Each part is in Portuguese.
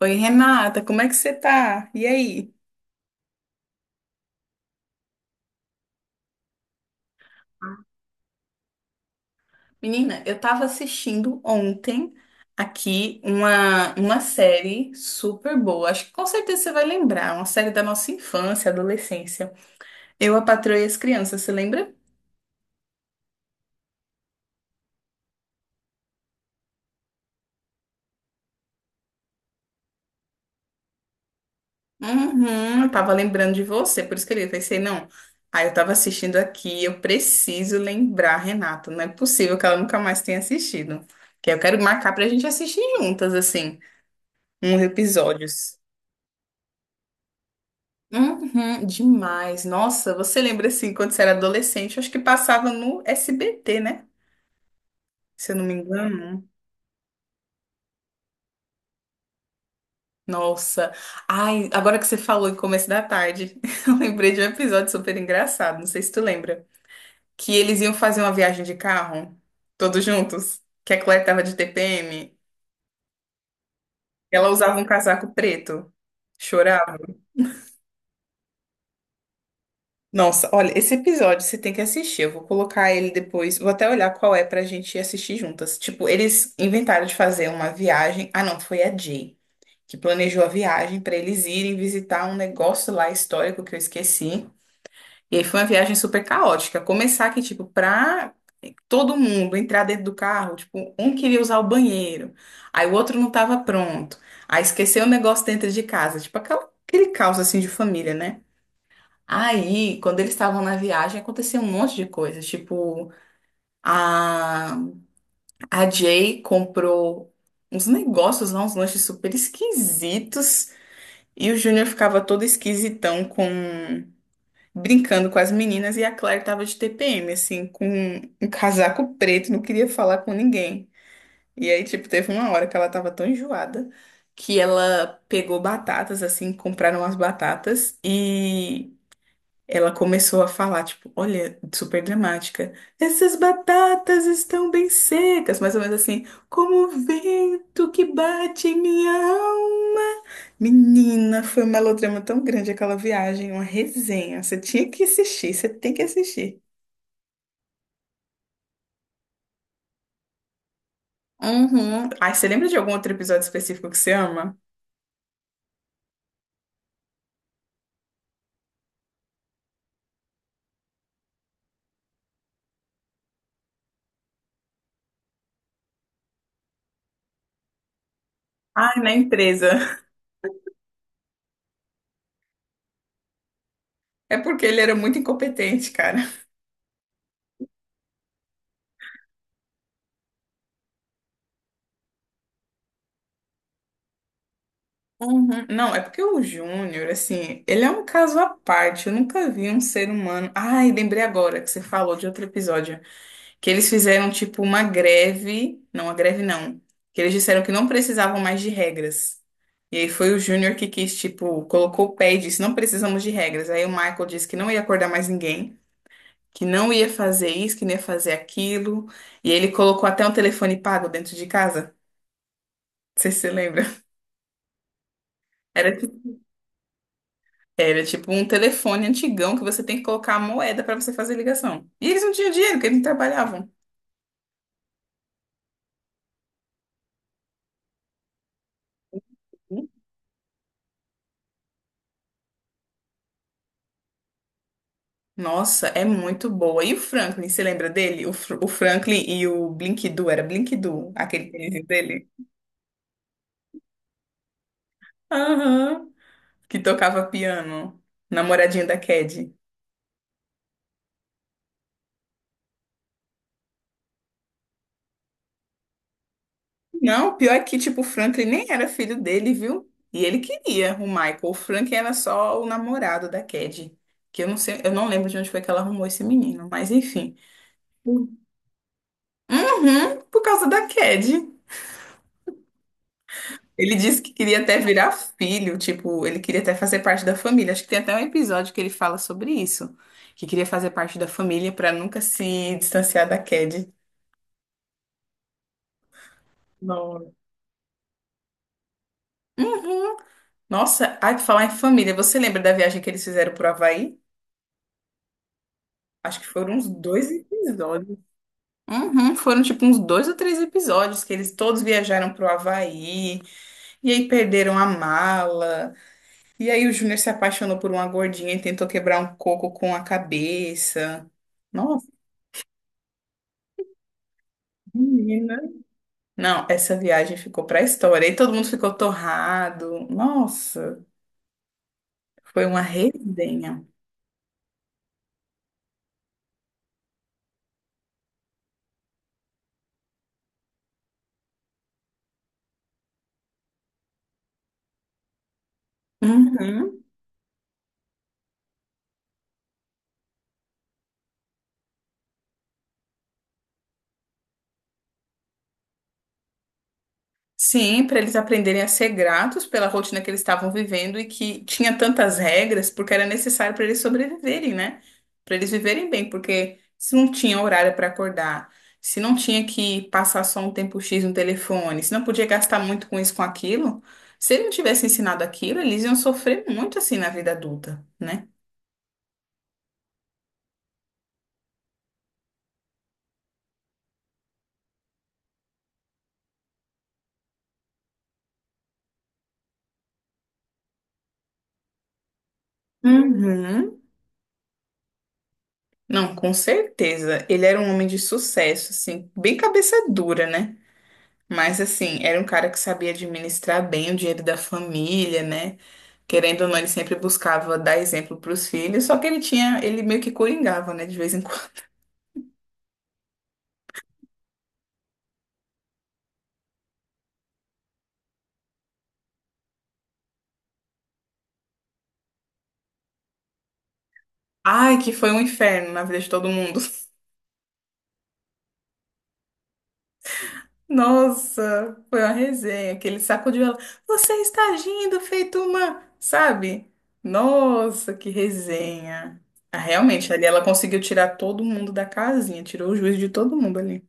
Oi, Renata, como é que você tá? E aí? Menina, eu tava assistindo ontem aqui uma série super boa. Acho que com certeza você vai lembrar. Uma série da nossa infância, adolescência. Eu, a Patroa e as Crianças, você lembra? Uhum, eu tava lembrando de você, por isso que eu pensei, não. Aí eu tava assistindo aqui, eu preciso lembrar, Renata. Não é possível que ela nunca mais tenha assistido. Que eu quero marcar pra gente assistir juntas, assim, uns episódios. Uhum, demais. Nossa, você lembra assim, quando você era adolescente, eu acho que passava no SBT, né? Se eu não me engano. Nossa. Ai, agora que você falou em começo da tarde, eu lembrei de um episódio super engraçado, não sei se tu lembra, que eles iam fazer uma viagem de carro, todos juntos, que a Claire tava de TPM, ela usava um casaco preto, chorava. Nossa, olha, esse episódio você tem que assistir. Eu vou colocar ele depois. Vou até olhar qual é pra gente assistir juntas. Tipo, eles inventaram de fazer uma viagem. Ah, não, foi a Jay que planejou a viagem pra eles irem visitar um negócio lá histórico que eu esqueci. E aí foi uma viagem super caótica. Começar que, tipo, pra todo mundo entrar dentro do carro, tipo, um queria usar o banheiro, aí o outro não tava pronto, aí esqueceu o negócio dentro de casa. Tipo, aquele caos assim de família, né? Aí, quando eles estavam na viagem, aconteceu um monte de coisas. Tipo, a, a Jay comprou uns negócios lá, uns lanches super esquisitos. E o Júnior ficava todo esquisitão com brincando com as meninas. E a Claire tava de TPM, assim, com um casaco preto, não queria falar com ninguém. E aí, tipo, teve uma hora que ela tava tão enjoada que ela pegou batatas, assim, compraram as batatas e. Ela começou a falar, tipo, olha, super dramática. Essas batatas estão bem secas, mais ou menos assim, como o vento que bate em minha alma. Menina, foi um melodrama tão grande aquela viagem, uma resenha. Você tinha que assistir, você tem que assistir. Uhum. Ai, você lembra de algum outro episódio específico que você ama? Ai, na empresa. É porque ele era muito incompetente, cara. Uhum. Não, é porque o Júnior, assim, ele é um caso à parte. Eu nunca vi um ser humano. Ai, lembrei agora que você falou de outro episódio. Que eles fizeram, tipo, uma greve. Não, uma greve não. Que eles disseram que não precisavam mais de regras. E aí foi o Júnior que quis, tipo, colocou o pé e disse: não precisamos de regras. Aí o Michael disse que não ia acordar mais ninguém, que não ia fazer isso, que não ia fazer aquilo. E ele colocou até um telefone pago dentro de casa. Não sei se você lembra. Era tipo, Era tipo um telefone antigão que você tem que colocar a moeda para você fazer ligação. E eles não tinham dinheiro, porque eles não trabalhavam. Nossa, é muito boa. E o Franklin, você lembra dele? O, Fr- o Franklin e o Blink-Doo, era Blink-Doo, aquele tênis dele? Aham. Que tocava piano, namoradinho da Cad. Não, pior é que, tipo, o Franklin nem era filho dele, viu? E ele queria o Michael. O Franklin era só o namorado da Cad. Que eu não sei, eu não lembro de onde foi que ela arrumou esse menino, mas enfim. Uhum, por causa da Cad. Ele disse que queria até virar filho, tipo, ele queria até fazer parte da família. Acho que tem até um episódio que ele fala sobre isso, que queria fazer parte da família pra nunca se distanciar da Cad. Não. Uhum. Nossa, ai, pra falar em família, você lembra da viagem que eles fizeram pro Havaí? Acho que foram uns dois episódios. Uhum, foram tipo uns dois ou três episódios que eles todos viajaram pro Havaí e aí perderam a mala. E aí o Júnior se apaixonou por uma gordinha e tentou quebrar um coco com a cabeça. Nossa, menina. Não, essa viagem ficou pra história. E todo mundo ficou torrado. Nossa, foi uma resenha. Uhum. Sim, para eles aprenderem a ser gratos pela rotina que eles estavam vivendo e que tinha tantas regras, porque era necessário para eles sobreviverem, né? Para eles viverem bem, porque se não tinha horário para acordar, se não tinha que passar só um tempo X no telefone, se não podia gastar muito com isso, com aquilo, se ele não tivesse ensinado aquilo, eles iam sofrer muito assim na vida adulta, né? Uhum. Não, com certeza. Ele era um homem de sucesso, assim, bem cabeça dura, né? Mas assim, era um cara que sabia administrar bem o dinheiro da família, né? Querendo ou não, ele sempre buscava dar exemplo para os filhos, só que ele tinha, ele meio que coringava, né, de vez em quando. Ai, que foi um inferno na vida de todo mundo. Nossa, foi uma resenha, que ele sacudiu ela. Você está agindo feito uma, sabe? Nossa, que resenha. Ah, realmente, ali ela conseguiu tirar todo mundo da casinha, tirou o juízo de todo mundo ali.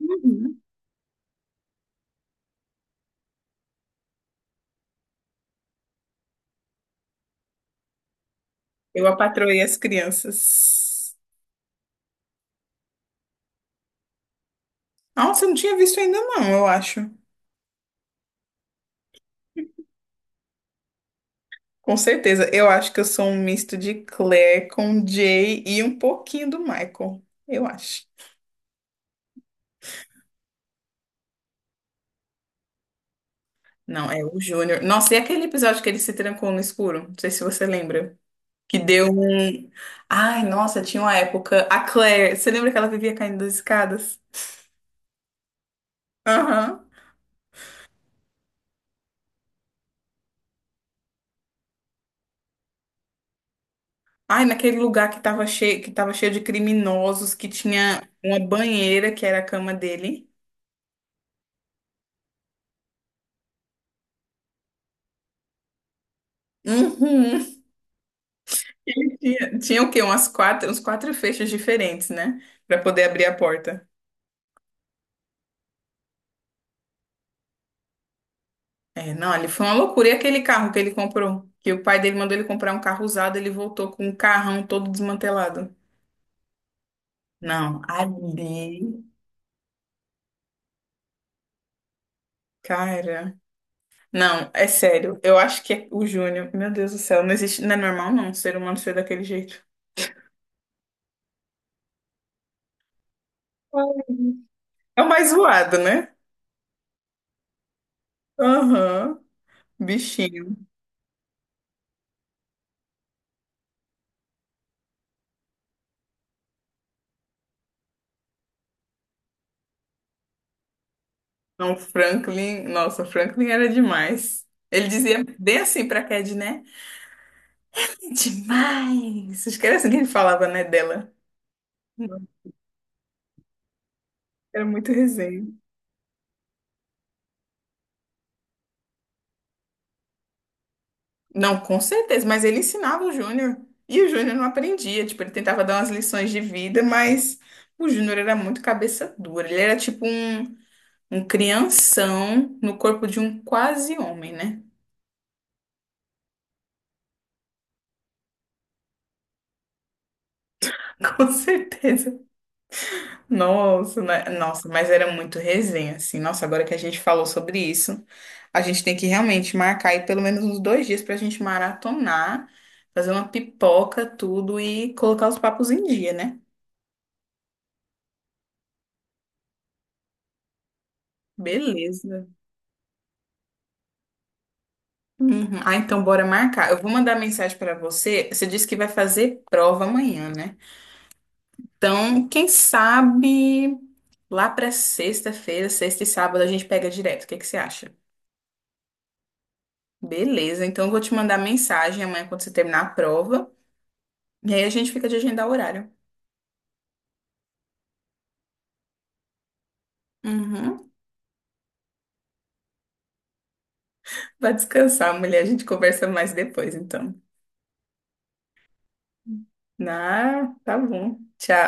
Uhum. Eu apatroei as crianças. Nossa, eu não tinha visto ainda não, eu acho. Com certeza. Eu acho que eu sou um misto de Claire com Jay e um pouquinho do Michael. Eu acho. Não, é o Júnior. Nossa, e aquele episódio que ele se trancou no escuro? Não sei se você lembra. Que deu um. Ai, nossa, tinha uma época. A Claire, você lembra que ela vivia caindo das escadas? Aham. Ai, naquele lugar que tava cheio de criminosos, que tinha uma banheira que era a cama dele. Uhum. Ele tinha, tinha o quê? Uns quatro fechos diferentes, né? Pra poder abrir a porta. É, não, ali foi uma loucura. E aquele carro que ele comprou? Que o pai dele mandou ele comprar um carro usado, ele voltou com um carrão todo desmantelado. Não, ali, cara. Não, é sério. Eu acho que é o Júnior, meu Deus do céu, não existe, não é normal não, um ser humano ser daquele jeito. É o mais zoado, né? Aham. Bichinho. Não, o Franklin. Nossa, o Franklin era demais. Ele dizia bem assim pra Cad, né? Demais! Esquece que ele falava, né, dela. Não, era muito resenha. Não, com certeza, mas ele ensinava o Júnior. E o Júnior não aprendia. Tipo, ele tentava dar umas lições de vida, mas o Júnior era muito cabeça dura. Ele era tipo um, um crianção no corpo de um quase homem, né? Com certeza. Nossa, né? Nossa, mas era muito resenha, assim. Nossa, agora que a gente falou sobre isso, a gente tem que realmente marcar aí pelo menos uns dois dias pra gente maratonar, fazer uma pipoca, tudo e colocar os papos em dia, né? Beleza. Uhum. Ah, então bora marcar. Eu vou mandar mensagem pra você. Você disse que vai fazer prova amanhã, né? Então, quem sabe lá pra sexta-feira, sexta e sábado, a gente pega direto. O que que você acha? Beleza, então eu vou te mandar mensagem amanhã quando você terminar a prova. E aí a gente fica de agendar o horário. Uhum. Vai descansar, mulher. A gente conversa mais depois, então. Ah, tá bom. Tchau.